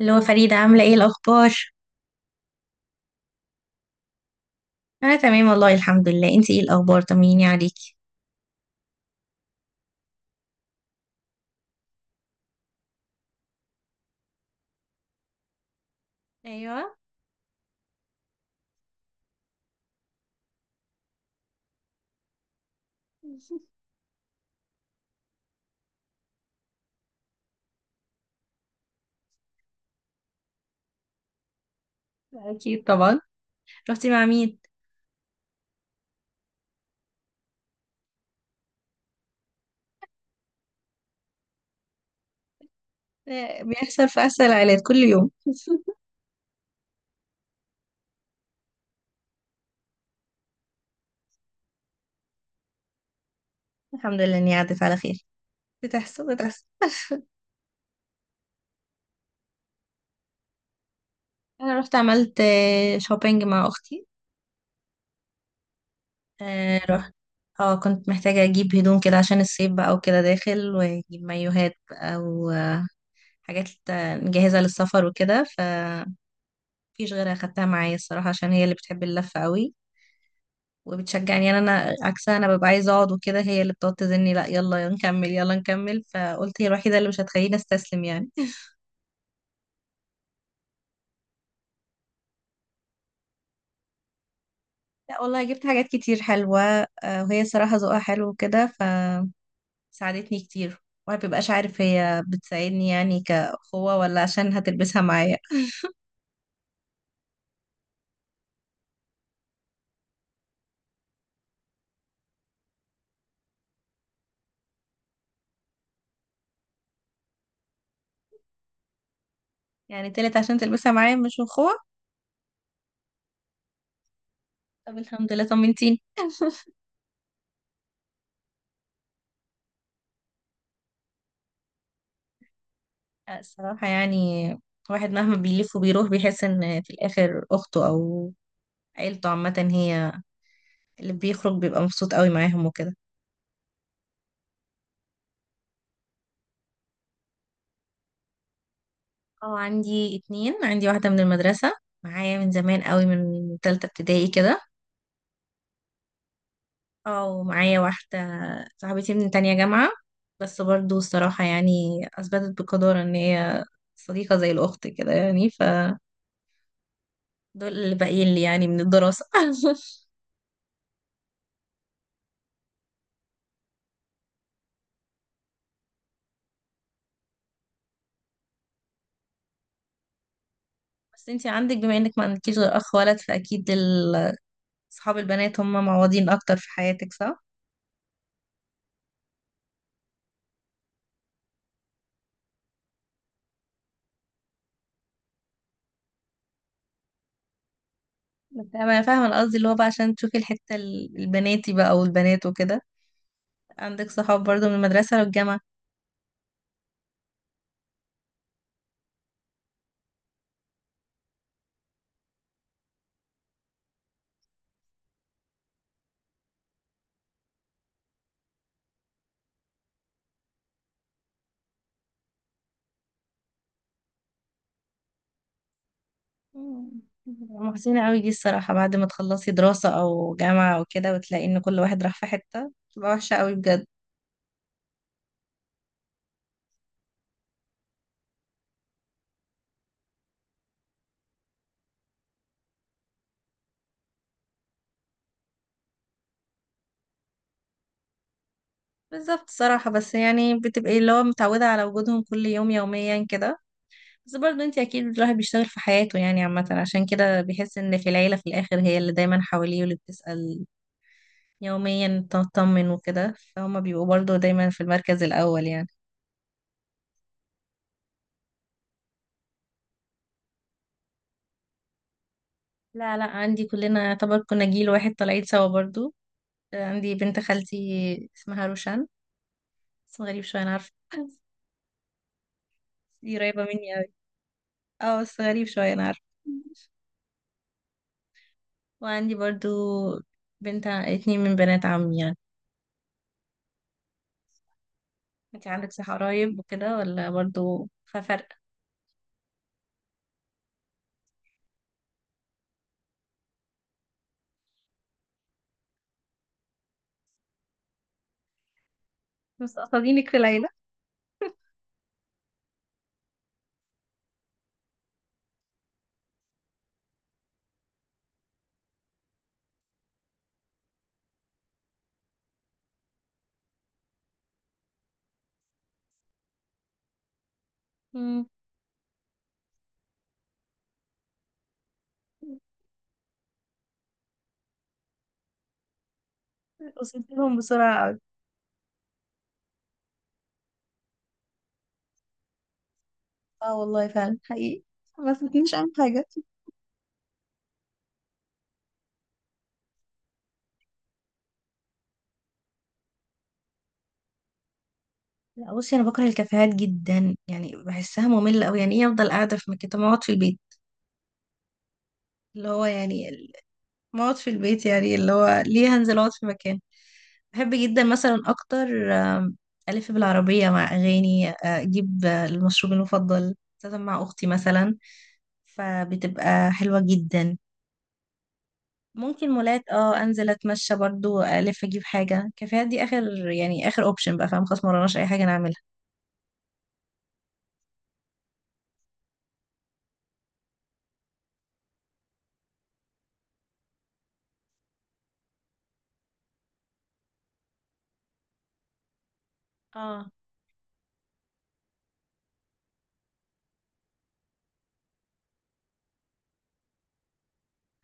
اللي هو فريدة عاملة ايه الأخبار؟ أنا تمام والله الحمد لله، انتي ايه الأخبار؟ طمنيني عليكي. أيوة. أكيد طبعا. رحتي مع مين؟ آه، بيحصل في أسهل العائلات كل يوم الحمد لله إني عدت على خير. بتحصل بتحصل. أنا رحت عملت شوبينج مع أختي. رحت. اه، كنت محتاجة أجيب هدوم كده عشان الصيف بقى وكده داخل، وأجيب مايوهات بقى وحاجات جاهزة للسفر وكده، فمفيش غيرها أخدتها معايا الصراحة عشان هي اللي بتحب اللفة قوي، وبتشجعني. يعني انا عكسها، انا ببقى عايزه اقعد وكده، هي اللي بتقعد تزني لا يلا نكمل يلا نكمل، فقلت هي الوحيده اللي مش هتخليني استسلم يعني لا والله جبت حاجات كتير حلوه. وهي صراحه ذوقها حلو وكده فساعدتني كتير. وما بيبقاش عارف هي بتساعدني يعني كأخوة ولا عشان هتلبسها معايا. يعني طلعت عشان تلبسها معايا مش أخوة. طب الحمد لله طمنتيني. الصراحة يعني الواحد مهما بيلف وبيروح بيحس إن في الآخر أخته أو عيلته عامة، هي اللي بيخرج بيبقى مبسوط قوي معاهم وكده. اه عندي اتنين، عندي واحدة من المدرسة معايا من زمان قوي، من تالتة ابتدائي كده. اه ومعايا واحدة صاحبتي من تانية جامعة، بس برضو الصراحة يعني أثبتت بقدر إن هي صديقة زي الأخت كده يعني، فدول اللي باقيين لي يعني من الدراسة بس انتي عندك، بما إنك ما عندكيش غير أخ ولد، فأكيد صحاب البنات هم معوضين أكتر في حياتك، صح؟ بس أنا فاهمة القصد اللي هو بقى عشان تشوفي الحتة البناتي بقى، والبنات وكده عندك صحاب برضو من المدرسة والجامعة. مم. محزنة قوي دي الصراحة، بعد ما تخلصي دراسة أو جامعة أو كده وتلاقي إن كل واحد راح في حتة، بتبقى وحشة قوي بجد. بالظبط الصراحة، بس يعني بتبقي اللي هو متعودة على وجودهم كل يوم يوميا كده. بس برضو انتي أكيد الواحد بيشتغل في حياته يعني عامة، عشان كده بيحس إن في العيلة في الآخر هي اللي دايما حواليه، واللي بتسأل يوميا تطمن وكده، فهما بيبقوا برضو دايما في المركز الأول يعني. لا لا عندي، كلنا يعتبر كنا جيل واحد طالعين سوا برضو. عندي بنت خالتي اسمها روشان، اسم غريب شوية أنا عارفة دي قريبة مني أوي. اه بس غريب شوية أنا عارفة. وعندي برضو بنت اتنين من بنات عمي يعني. انت عندك صح قرايب وكده ولا برضو ففرق؟ مستقصدينك في العيلة. مم. وصلت لهم بسرعة أوي. اه والله فعلا حقيقي، ما فاتنيش أي حاجة. لا بصي، أنا بكره الكافيهات جدا، يعني بحسها مملة أوي. يعني إيه أفضل قاعدة في مكان؟ طب ما أقعد في البيت، اللي هو يعني ما اقعد في البيت يعني، اللي هو ليه هنزل اقعد في مكان؟ بحب جدا مثلا اكتر الف بالعربيه مع اغاني، اجيب المشروب المفضل، خاصه مع اختي مثلا، فبتبقى حلوه جدا. ممكن مولات، اه انزل اتمشى برضو الف اجيب حاجه. كافيهات دي اخر يعني اخر اوبشن بقى، فاهم خلاص مرناش اي حاجه نعملها. اه،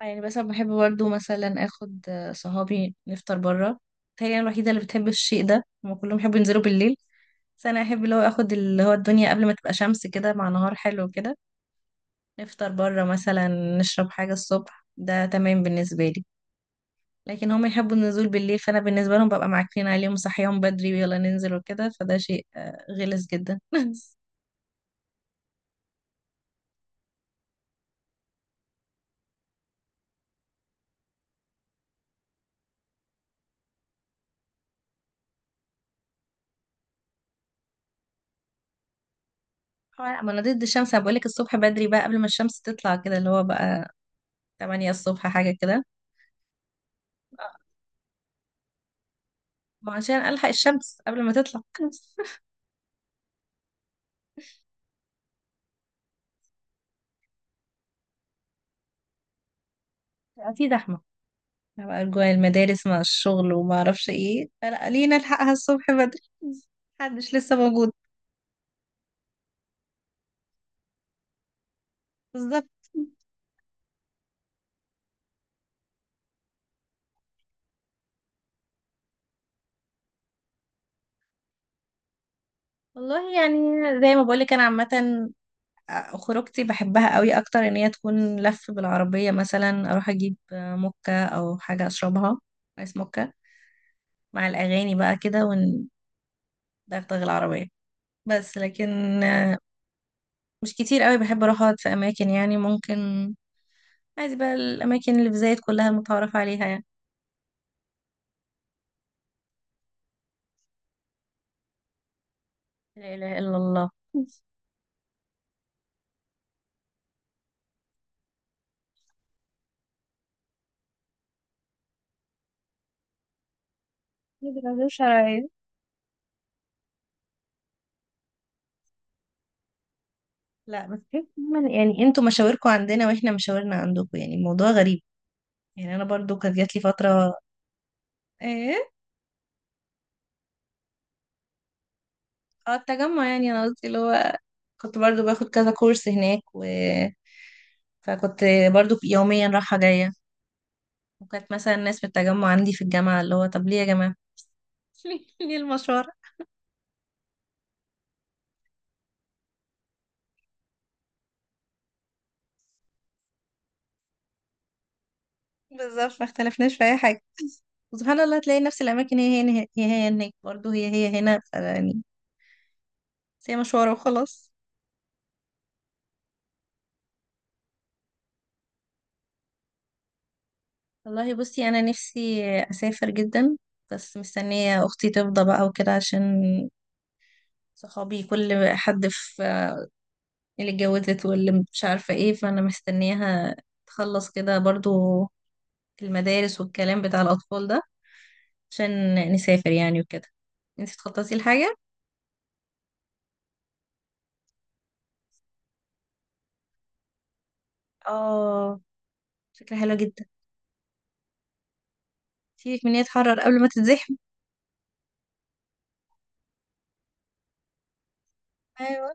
يعني بس أنا بحب برضه مثلا اخد صحابي نفطر بره. تهيألي انا الوحيده اللي بتحب الشيء ده، هما كلهم بيحبوا ينزلوا بالليل، بس انا احب اللي هو اخد اللي هو الدنيا قبل ما تبقى شمس كده، مع نهار حلو كده، نفطر بره مثلا، نشرب حاجه الصبح. ده تمام بالنسبه لي، لكن هم يحبوا النزول بالليل، فانا بالنسبه لهم ببقى معكنين عليهم صحيهم بدري ويلا ننزل وكده، فده شيء غلس جدا هو لا ما انا ضد الشمس، انا بقولك الصبح بدري بقى قبل ما الشمس تطلع كده، اللي هو بقى 8 الصبح حاجه كده، وعشان ألحق الشمس قبل ما تطلع بقى في زحمة، بقى جوا المدارس مع الشغل وما أعرفش ايه، فلا لينا نلحقها الصبح بدري، محدش لسه موجود. بالظبط. والله يعني زي ما بقولك أنا عامة خروجتي بحبها قوي أكتر إن هي تكون لف بالعربية، مثلا أروح أجيب مكة أو حاجة أشربها، آيس مكة، مع الأغاني بقى كده وندغدغ العربية. بس لكن مش كتير قوي بحب أروح أقعد في أماكن، يعني ممكن عايز بقى الأماكن اللي في زايد كلها المتعارف عليها يعني. لا إله إلا الله، العزوم شرعية. لا بس كيف يعني انتوا مشاوركم عندنا واحنا مشاورنا عندكم، يعني الموضوع غريب. يعني انا برضو كانت جات لي فتره. ايه. اه التجمع، يعني انا قصدي اللي هو كنت برضو باخد كذا كورس هناك، و فكنت برضو يوميا رايحه جايه. وكانت مثلا ناس من التجمع عندي في الجامعه اللي هو طب ليه يا جماعه ليه ليه المشوار. بالظبط، ما اختلفناش في اي حاجه. سبحان الله، تلاقي نفس الاماكن هي هنا، هي هي هناك برضه، هي هي هنا يعني، بس هي مشوار وخلاص. والله بصي انا نفسي اسافر جدا، بس مستنيه اختي تفضى بقى وكده، عشان صحابي كل حد في اللي اتجوزت واللي مش عارفه ايه، فانا مستنياها تخلص كده برضو المدارس والكلام بتاع الاطفال ده عشان نسافر يعني وكده. انت تخططي لحاجه؟ اه، فكره حلوه جدا. سيبك من إن هي تحرر قبل ما تتزحم. ايوه.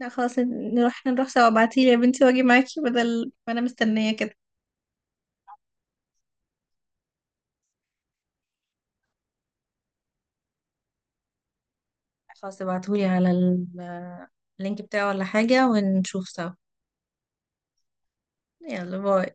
لا خلاص نروح نروح سوا، ابعتيلي يا بنتي واجي معاكي بدل ما انا مستنية كده. خلاص ابعتهولي على اللينك بتاعه ولا حاجة ونشوف سوا. يلا باي.